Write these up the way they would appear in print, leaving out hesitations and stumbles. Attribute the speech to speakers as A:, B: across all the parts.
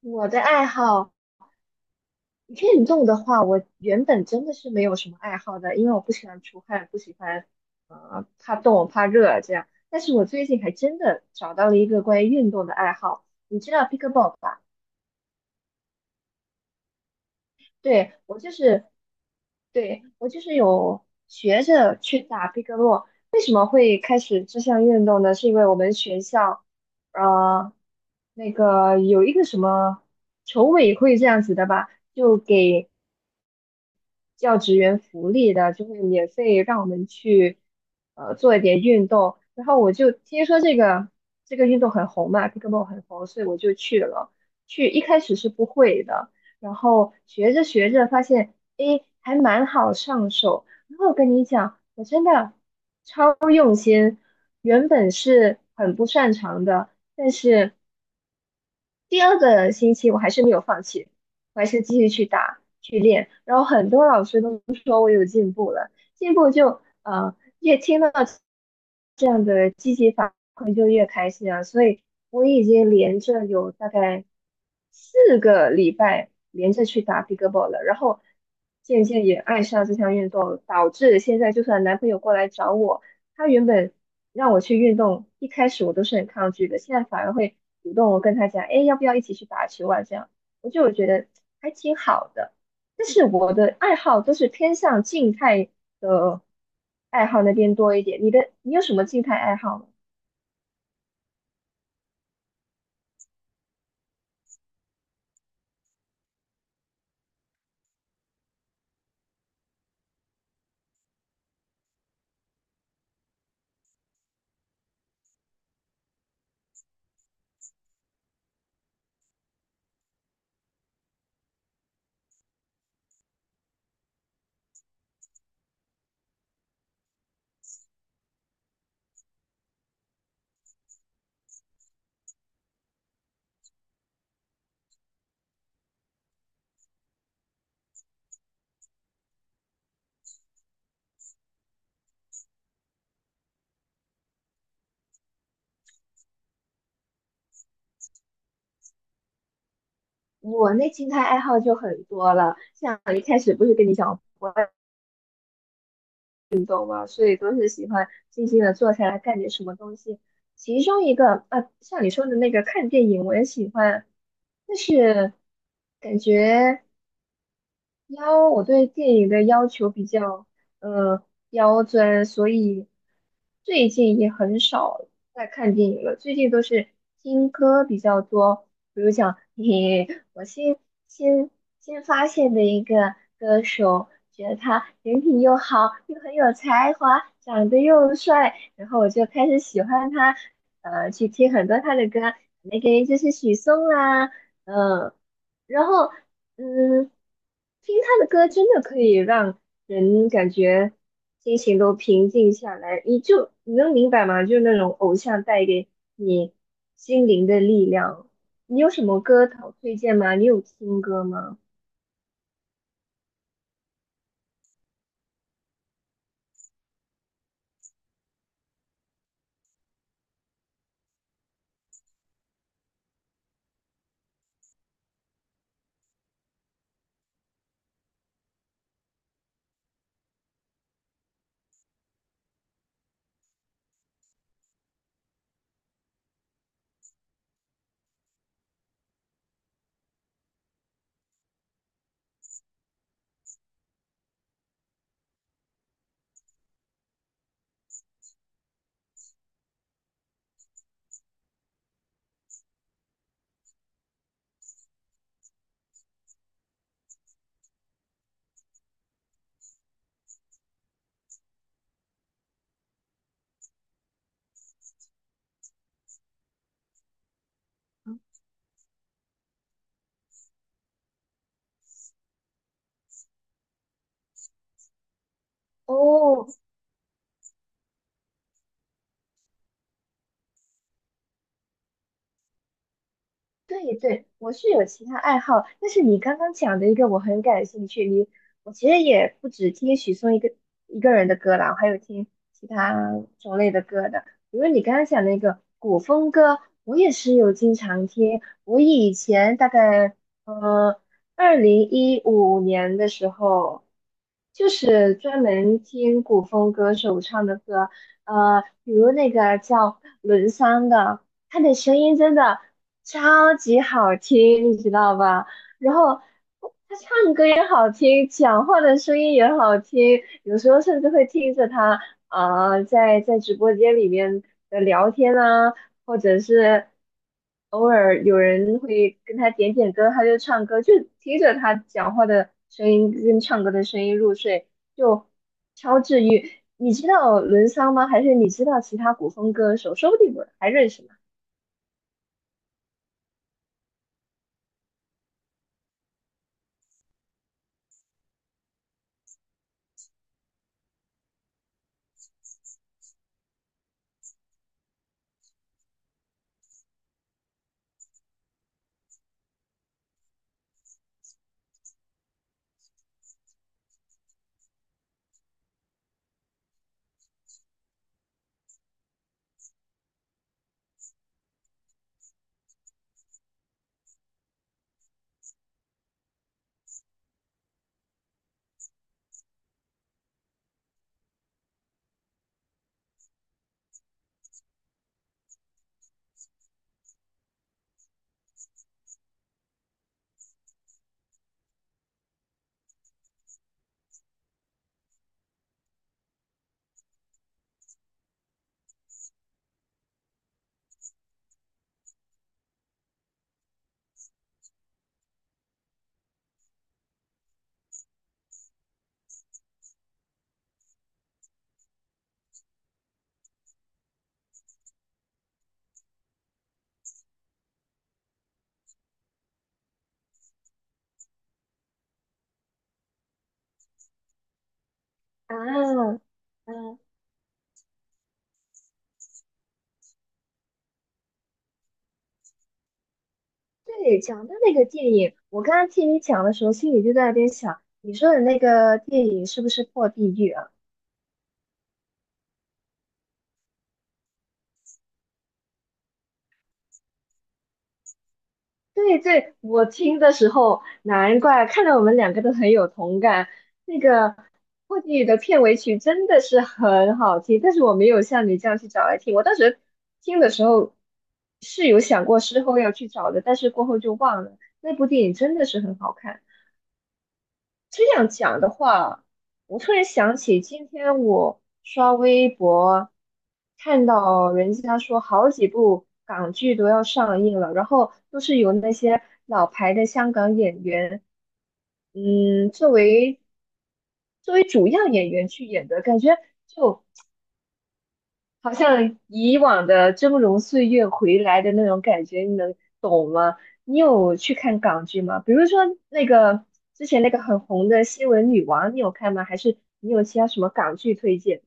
A: 我的爱好，运动的话，我原本真的是没有什么爱好的，因为我不喜欢出汗，不喜欢，怕冻、怕热这样。但是我最近还真的找到了一个关于运动的爱好，你知道 pickleball 吧？对，我就是，对，我就是有学着去打 pickleball。为什么会开始这项运动呢？是因为我们学校，呃，那个有一个什么筹委会这样子的吧，就给教职员福利的，就会免费让我们去做一点运动。然后我就听说这个运动很红嘛 picklebal 很红，所以我就去了。去一开始是不会的，然后学着学着发现，诶，还蛮好上手。然后我跟你讲，我真的超用心，原本是很不擅长的，但是。第二个星期我还是没有放弃，我还是继续去打去练，然后很多老师都说我有进步了，进步就越听到这样的积极反馈就越开心啊，所以我已经连着有大概4个礼拜连着去打 pickleball 了，然后渐渐也爱上这项运动，导致现在就算男朋友过来找我，他原本让我去运动，一开始我都是很抗拒的，现在反而会主动我跟他讲，哎，要不要一起去打球啊？这样，我就觉得还挺好的。但是我的爱好都是偏向静态的爱好那边多一点。你有什么静态爱好吗？我那静态爱好就很多了，像一开始不是跟你讲。我。所以都是喜欢静静的坐下来干点什么东西。其中一个啊，像你说的那个看电影，我也喜欢，但是感觉要我对电影的要求比较呃刁钻，所以最近也很少在看电影了。最近都是听歌比较多，比如讲嘿嘿新新发现的一个歌手，觉得他人品又好，又很有才华，长得又帅，然后我就开始喜欢他，去听很多他的歌，那个就是许嵩啦，嗯、然后嗯，听他的歌真的可以让人感觉心情都平静下来，你能明白吗？就是那种偶像带给你心灵的力量。你有什么歌好推荐吗？你有听歌吗？哦，对对，我是有其他爱好，但是你刚刚讲的一个我很感兴趣。我其实也不止听许嵩一个人的歌啦，我还有听其他种类的歌的。比如你刚刚讲那个古风歌，我也是有经常听。我以前大概呃2015年的时候，就是专门听古风歌手唱的歌，比如那个叫伦桑的。他的声音真的超级好听，你知道吧？然后也好听，讲话的声音也好听，有时候甚至会听着他在直播间里面的聊天啊，或者是偶尔有人会跟他点点歌，他就唱歌，就听着他讲话的声音跟唱歌的声音入睡，就超治愈。你知道伦桑吗？还是你知道其他古风歌手？说不定我还认识。呢。啊，嗯，对，讲的那个电影，我刚刚听你讲的时候，心里就在那边想，你说的那个电影是不是破地狱啊？对对，我听的时候，难怪看到我们两个都很有同感。那个破地狱的片尾曲真的是很好听，但是我没有像你这样去找来听。我当时听的时候是有想过事后要去找的，但是过后就忘了。那部电影真的是很好看。这样讲的话，我突然想起今天我刷微博，看到人家说好几部港剧都要上映了，然后都是由那些老牌的香港演员，嗯，作为主要演员去演的，感觉就好像以往的峥嵘岁月回来的那种感觉，你能懂吗？你有去看港剧吗？比如说那个之前那个很红的《新闻女王》，你有看吗？还是你有其他什么港剧推荐？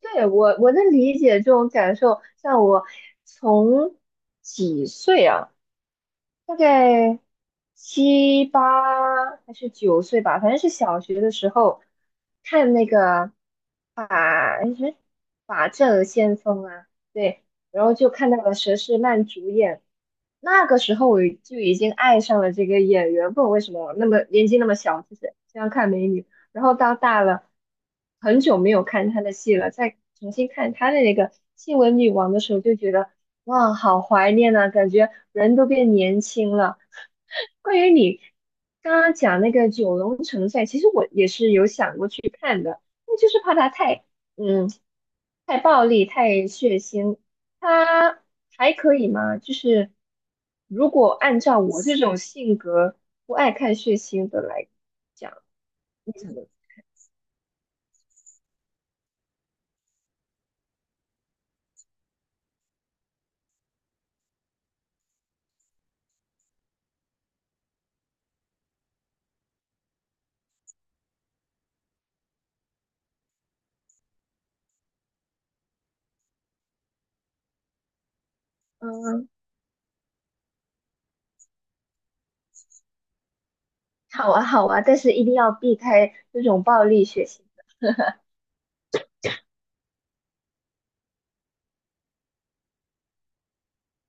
A: 对，我能理解这种感受，像我从几岁啊？大概7、8还是9岁吧，反正是小学的时候看那个法哎什么法证先锋啊，对，然后就看到了佘诗曼主演那个时候我就已经爱上了这个演员，不懂为什么那么年纪那么小，就是这样看美女。然后到大了，很久没有看她的戏了，再重新看她的那个《新闻女王》的时候，就觉得哇，好怀念呐、感觉人都变年轻了。关于你刚刚讲那个九龙城寨，其实我也是有想过去看的，那就是怕它嗯太暴力、太血腥，他还可以吗？就是如果按照我这种性格不爱看血腥的来讲，你怎么？嗯，好啊，好啊，但是一定要避开这种暴力血腥。